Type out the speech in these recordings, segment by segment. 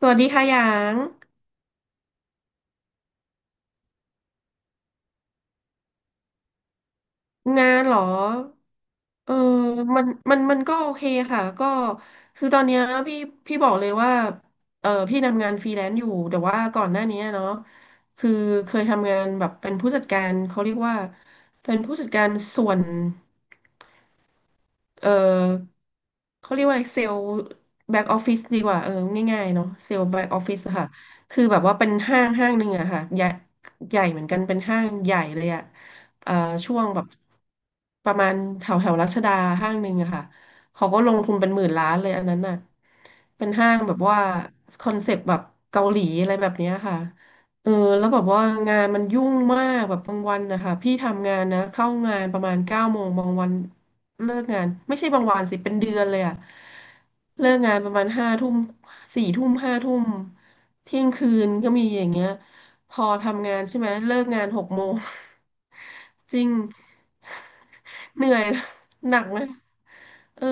สวัสดีค่ะหยางงานเหรอเออมันก็โอเคค่ะก็คือตอนเนี้ยพี่พี่บอกเลยว่าพี่ทำงานฟรีแลนซ์อยู่แต่ว่าก่อนหน้านี้เนาะคือเคยทำงานแบบเป็นผู้จัดการเขาเรียกว่าเป็นผู้จัดการส่วน เออเขาเรียกว่าเซลล์แบ็กออฟฟิศดีกว่าง่ายๆเนาะเซลล์แบ็กออฟฟิศค่ะคือแบบว่าเป็นห้างห้างหนึ่งอะค่ะใหญ่ใหญ่เหมือนกันเป็นห้างใหญ่เลยอะเอ่อช่วงแบบประมาณแถวแถวรัชดาห้างหนึ่งอะค่ะเขาก็ลงทุนเป็นหมื่นล้านเลยอันนั้นน่ะเป็นห้างแบบว่าคอนเซปต์แบบเกาหลีอะไรแบบเนี้ยค่ะ เออแล้วแบบว่างานมันยุ่งมากแบบบางวันนะคะพี่ทำงานนะเข้างานประมาณเก้าโมงบางวันเลิกงานไม่ใช่บางวันสิเป็นเดือนเลยอะเลิกงานประมาณห้าทุ่มสี่ทุ่มห้าทุ่มเที่ยงคืนก็มีอย่างเงี้ยพอทำงานใช่ไหมเลิกงานหกโมง จริง เหนื่อยนะหนักไหมเออ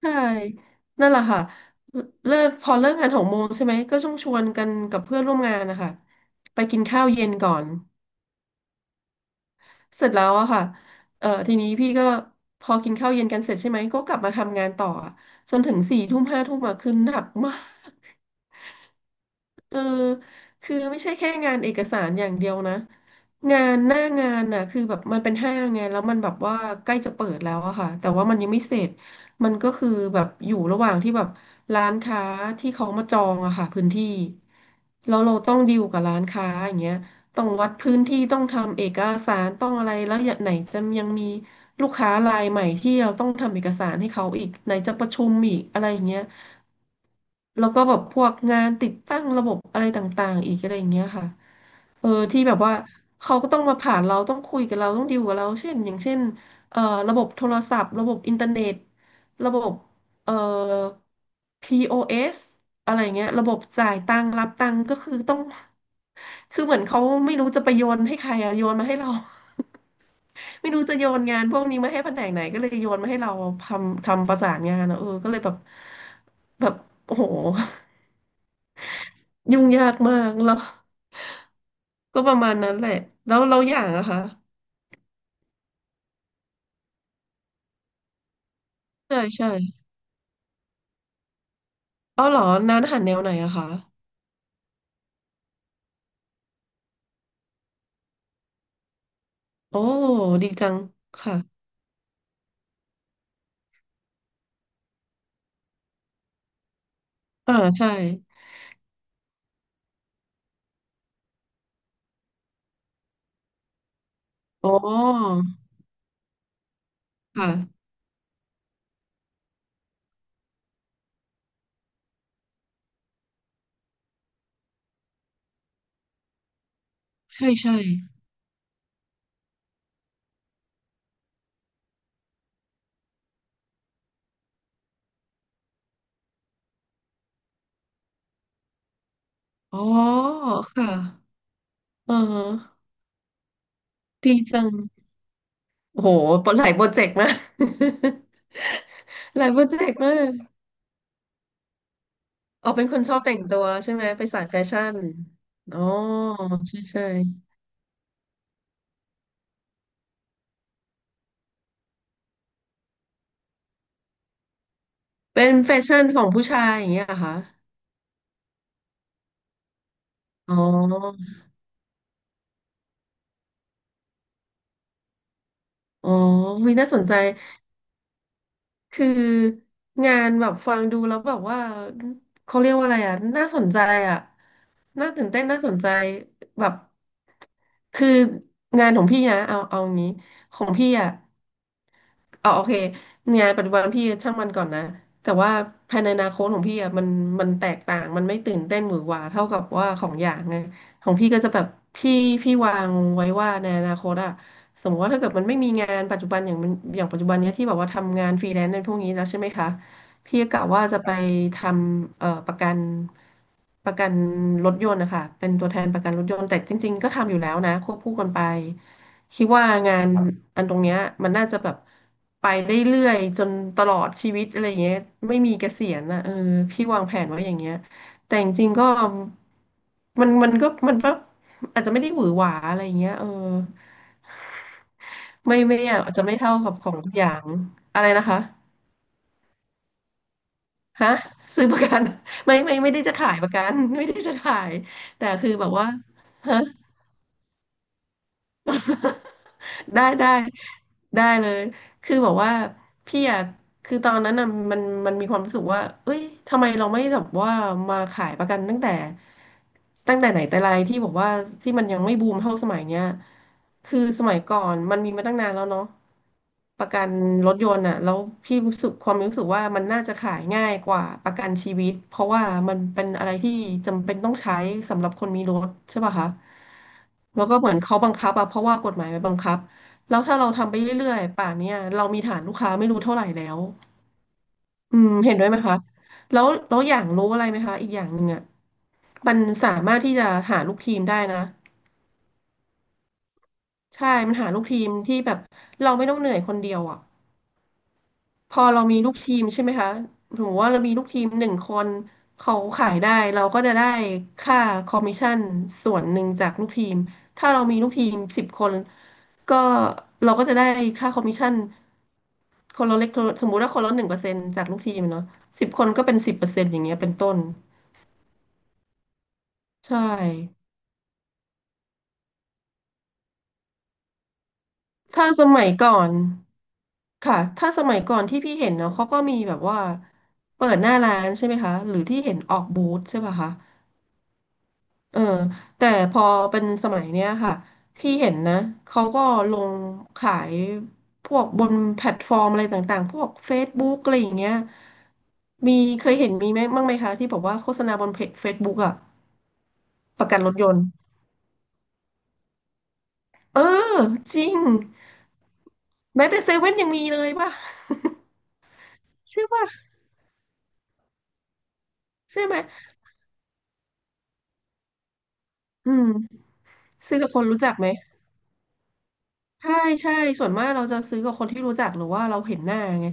ใช่นั่นแหละค่ะ เลิกพอเลิกงานหกโมงใช่ไหมก็ต้องชวนกันกับเพื่อนร่วมงานนะคะไปกินข้าวเย็นก่อนเสร็จแล้วอะค่ะเออทีนี้พี่ก็พอกินข้าวเย็นกันเสร็จใช่ไหมก็กลับมาทำงานต่ออะจนถึงสี่ทุ่มห้าทุ่มอะคือหนักมาก เออคือไม่ใช่แค่งานเอกสารอย่างเดียวนะ งานหน้างานน่ะคือแบบมันเป็นห้างไงแล้วมันแบบว่าใกล้จะเปิดแล้วอะค่ะแต่ว่ามันยังไม่เสร็จ มันก็คือแบบอยู่ระหว่างที่แบบร้านค้าที่เขามาจองอะค่ะพื้นที่แล้วเราต้องดีลกับร้านค้าอย่างเงี้ย ต้องวัดพื้นที่ต้องทำเอกสารต้องอะไรแล้วอย่างไหนจะยังมีลูกค้ารายใหม่ที่เราต้องทำเอกสารให้เขาอีกไหนจะประชุมอีกอะไรอย่างเงี้ยแล้วก็แบบพวกงานติดตั้งระบบอะไรต่างๆอีกอะไรอย่างเงี้ยค่ะที่แบบว่าเขาก็ต้องมาผ่านเราต้องคุยกับเราต้องดีลกับเราเช่นอย่างเช่นเอ่อระบบโทรศัพท์ระบบอินเทอร์เน็ตระบบเอ่อพีโอเ o s อะไรเงี้ยระบบจ่ายตังค์รับตังค์ก็คือต้อง คือเหมือนเขาไม่รู้จะไปโยนให้ใครอะโยนมาให้เรา ไม่รู้จะโยนงานพวกนี้มาให้แผนกไหนก็เลยโยนมาให้เราทำทำประสานงานอะก็เลยแบบแบบโอ้โห ยุ่งยากมากแล้วก็ประมาณนั้นแหละแล้วเราอย่างอะคะใช่ใช่เอาเหรอร้านอาหารแนวไหนอะคะโอ้ดีจังค่ะอ่าใช่อ๋อค่ะใช่ใช่อ๋อค่ะอ่าฮะ ดีจังโอ้โหหลายโปรเจกต์มาก หลายโปรเจกต์มากอ๋อเป็นคนชอบแต่งตัวใช่ไหมไปสายแฟชั่นอ๋อใช่ใช่เป็นแฟชั่นของผู้ชายอย่างเงี้ยเหรอคะอ๋ออ๋อวิน่าสนใจ คืองานแบบฟังดูแล้วแบบว่าเขาเรียกว่าอะไรอ่ะน่าสนใจอ่ะน่าตื่นเต้นน่าสนใจแบบคืองานของพี่นะเอาเอางี้ของพี่อ่ะ อ๋อโอเคงานปัจจุบันพี่ช่างมันก่อนนะแต่ว่าภายในอนาคตของพี่อ่ะมันมันแตกต่างมันไม่ตื่นเต้นหวือหวาเท่ากับว่าของอย่างไงของพี่ก็จะแบบพี่พี่วางไว้ว่าในอนาคตอ่ะสมมติว่าถ้าเกิดมันไม่มีงานปัจจุบันอย่างมันอย่างปัจจุบันเนี้ยที่แบบว่าทำงานฟรีแลนซ์ในพวกนี้แล้วใช่ไหมคะพี่ก็กะว่าจะไปทำประกันประกันรถยนต์นะคะเป็นตัวแทนประกันรถยนต์แต่จริงๆก็ทำอยู่แล้วนะควบคู่กันไป คิดว่างานครับอันตรงเนี้ยมันน่าจะแบบไปได้เรื่อยจนตลอดชีวิตอะไรเงี้ยไม่มีเกษียณนะเออพี่วางแผนไว้อย่างเงี้ยแต่จริงๆก็มันก็อาจจะไม่ได้หวือหวาอะไรเงี้ยไม่ไม่ออาจจะไม่เท่ากับของทุกอย่างอะไรนะคะฮะซื้อประกัน ไม่ไม่ไม่ได้จะขายประกัน ไม่ได้จะขายแต่คือแบบว่าฮะ ได้ได้ได้เลย คือแบบว่าพี่อะคือตอนนั้นอะมันมันมีความรู้สึกว่าเอ้ยทำไมเราไม่แบบว่ามาขายประกันตั้งแต่ไหนแต่ไรที่บอกว่าที่มันยังไม่บูมเท่าสมัยเนี้ยคือสมัยก่อนมันมีมาตั้งนานแล้วเนาะประกันรถยนต์อะแล้วพี่รู้สึกความรู้สึกว่ามันน่าจะขายง่ายกว่าประกันชีวิตเพราะว่ามันเป็นอะไรที่จำเป็นต้องใช้สำหรับคนมีรถใช่ป่ะคะแล้วก็เหมือนเขาบังคับอะเพราะว่ากฎหมายมันบังคับ แล้วถ้าเราทำไปเรื่อยๆ ป่านเนี้ยเรามีฐานลูกค้าไม่รู้เท่าไหร่แล้วอืมเห็นด้วยไหมคะแล้วอย่างรู้อะไรไหมคะ อีกอย่างหนึ่งอ่ะมันสามารถที่จะหาลูกทีมได้นะ ใช่ มันหาลูกทีมที่แบบเราไม่ต้องเหนื่อยคนเดียวอ่ะ พอเรามีลูกทีมใช่ไหมคะสมมติว่าเรามีลูกทีมหนึ่งคนเขาขายได้เราก็จะได้ค่าคอมมิชชั่นส่วนหนึ่งจากลูกทีมถ้าเรามีลูกทีมสิบคนก็เราก็จะได้ค่าคอมมิชชั่นคนละเล็กคนละสมมุติว่าคนละ1%จากลูกทีมเนาะสิบคนก็เป็น10%อย่างเงี้ยเป็นต้นใช่ถ้าสมัยก่อนค่ะถ้าสมัยก่อนที่พี่เห็นเนาะเขาก็มีแบบว่าเปิดหน้าร้านใช่ไหมคะหรือที่เห็นออกบูธใช่ป่ะคะ เออแต่พอเป็นสมัยเนี้ยค่ะพี่เห็นนะเขาก็ลงขายพวกบนแพลตฟอร์มอะไรต่างๆพวก Facebook อะไรอย่างเงี้ยมีเคยเห็นมีไหมบ้างไหมคะที่บอกว่าโฆษณาบนเพจ Facebook อะประกันรถยนต์เออจริงแม้แต่เซเว่นยังมีเลยป่ะ ใช่ป่ะใช่ไหมอืมซื้อกับคนรู้จักไหม ใช่ใช่ส่วนมากเราจะซื้อกับคนที่รู้จักหรือว่าเราเห็นหน้าไง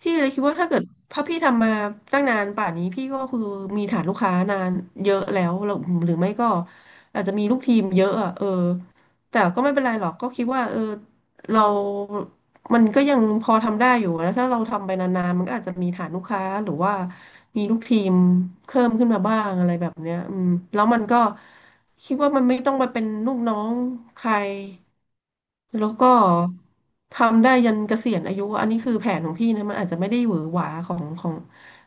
พี่เลยคิดว่าถ้าเกิดพระพี่ทำมาตั้งนานป่านนี้พี่ก็คือมีฐานลูกค้านานเยอะแล้วเราหรือไม่ก็อาจจะมีลูกทีมเยอะอ่ะเออแต่ก็ไม่เป็นไรหรอกก็คิดว่าเออเรามันก็ยังพอทำได้อยู่นะถ้าเราทำไปนานๆมันก็อาจจะมีฐานลูกค้าหรือว่ามีลูกทีมเพิ่มขึ้นมาบ้างอะไรแบบเนี้ยอืมแล้วมันก็คิดว่ามันไม่ต้องไปเป็นลูกน้องใคร แล้วก็ทำได้ยันเกษียณอายุอันนี้คือแผนของพี่นะมันอาจจะไม่ได้หวือหวาของ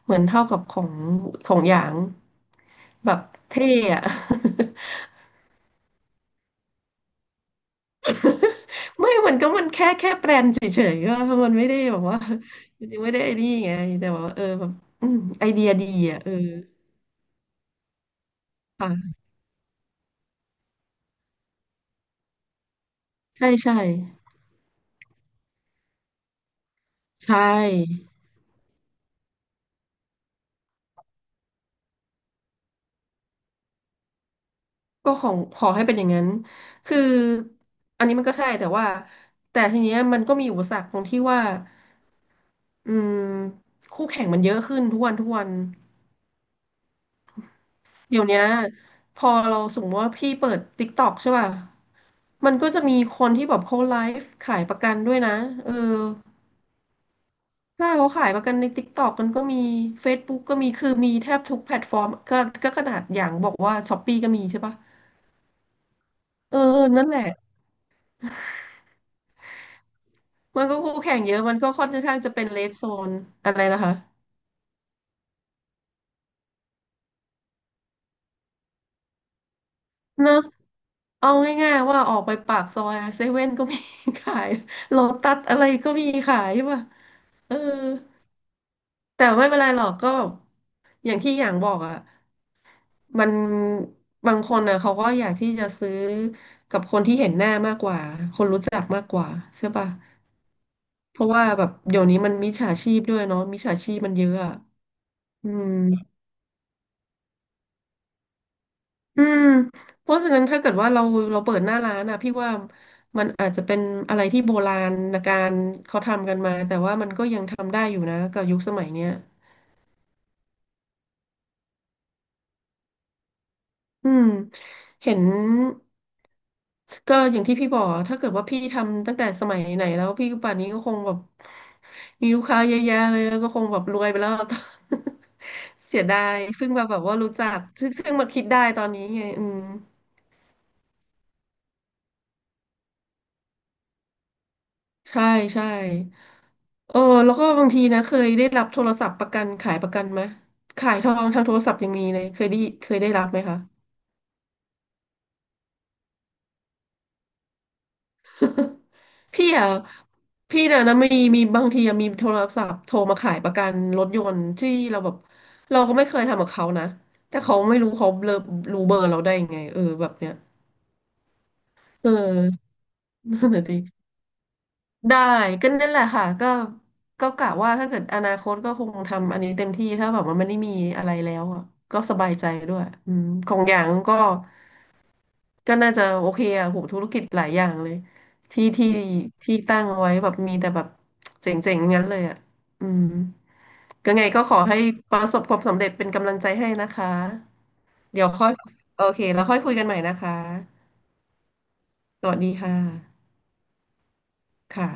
เหมือนเท่ากับของหยางแบบเท่อะ ไม่มันก็มันแค่แปลนเฉยๆก็มันไม่ได้แบบว่ามันยังไม่ได้ไอ้นี่ไงแต่ว่าเออแบบอืมไอเดียดีอ่ะเออค่ะใช่ใช่ใช่ก็ของขอให้เป็นอย่างนั้นคืออันนี้มันก็ใช่แต่ว่าแต่ทีเนี้ยมันก็มีอุปสรรคตรงที่ว่า อืมคู่แข่งมันเยอะขึ้นทุกวันทุกวันเดี๋ยวเนี้ยพอเราสมมติว่าพี่เปิด TikTok ใช่ป่ะมันก็จะมีคนที่แบบเขาไลฟ์ขายประกันด้วยนะเออถ้าเขาขายประกันใน TikTok มันก็มี Facebook ก็มีคือมีแทบทุกแพลตฟอร์มก็ก็ขนาดอย่างบอกว่า Shopee ก็มีใช่ป่ะเออนั่นแหละ มันก็คู่แข่งเยอะมันก็ค่อนข้างจะเป็น red zone อะไรนะคะเนอะ เอาง่ายๆว่าออกไปปากซอยเซเว่นก็มี ขาย โลตัสอะไรก็มีขายใช่ป่ะเออแต่ไม่เป็นไรหรอกก็อย่างที่อย่างบอกอ่ะมันบางคนอ่ะเขาก็อยากที่จะซื้อกับคนที่เห็นหน้ามากกว่าคนรู้จักมากกว่าใช่ป่ะเพราะว่าแบบเดี๋ยวนี้มันมิจฉาชีพด้วยเนาะมิจฉาชีพมันเยอะอะอืม อืมเพราะฉะนั้นถ้าเกิดว่าเราเราเปิดหน้าร้านอ่ะพี่ว่ามันอาจจะเป็นอะไรที่โบราณการเขาทำกันมาแต่ว่ามันก็ยังทำได้อยู่นะกับยุคสมัยเนี้ยอืมเห็นก็อย่างที่พี่บอกอะถ้าเกิดว่าพี่ทำตั้งแต่สมัยไหนแล้วพี่ป่านนี้ก็คงแบบมีลูกค้าเยอะแยะเลยแล้วก็คงแบบรวยไปแล้ว เสียดายเพิ่งมาแบบว่ารู้จักซึ่งมาคิดได้ตอนนี้ไงอืมใช่ใช่ เออแล้วก็บางทีนะเคยได้รับโทรศัพท์ประกันขายประกันไหมขายทองทางโทรศัพท์ยังมีเลยเคยได้รับไหมคะพี่อ่ะพี่น่ะนะมีมีบางทีอะมีโทรศัพท์โทรมาขายประกันรถยนต์ที่เราแบบเราก็ไม่เคยทำกับเขานะแต่เขาไม่รู้เขาเลอรู้เบอร์เราได้ยังไงเออแบบเนี้ยเออนั่นแหละดิได้ก็นั่นแหละค่ะก็ก็กะว่าถ้าเกิดอนาคตก็คงทำอันนี้เต็มที่ถ้าแบบว่ามันไม่ได้มีอะไรแล้วอะก็สบายใจด้วยอืมของอย่างก็ ก็น่าจะโอเคอะโหธุรกิจหลายอย่างเลยที่ที่ที่ตั้งไว้แบบมีแต่แบบเจ๋งๆงั้นเลยอะอืมก็ไงก็ขอให้ประสบความสำเร็จเป็นกำลังใจให้นะคะเดี๋ยวค่อยโอเคแล้วค่อยคุยกันใหม่นะคะสวัสดีค่ะค่ะ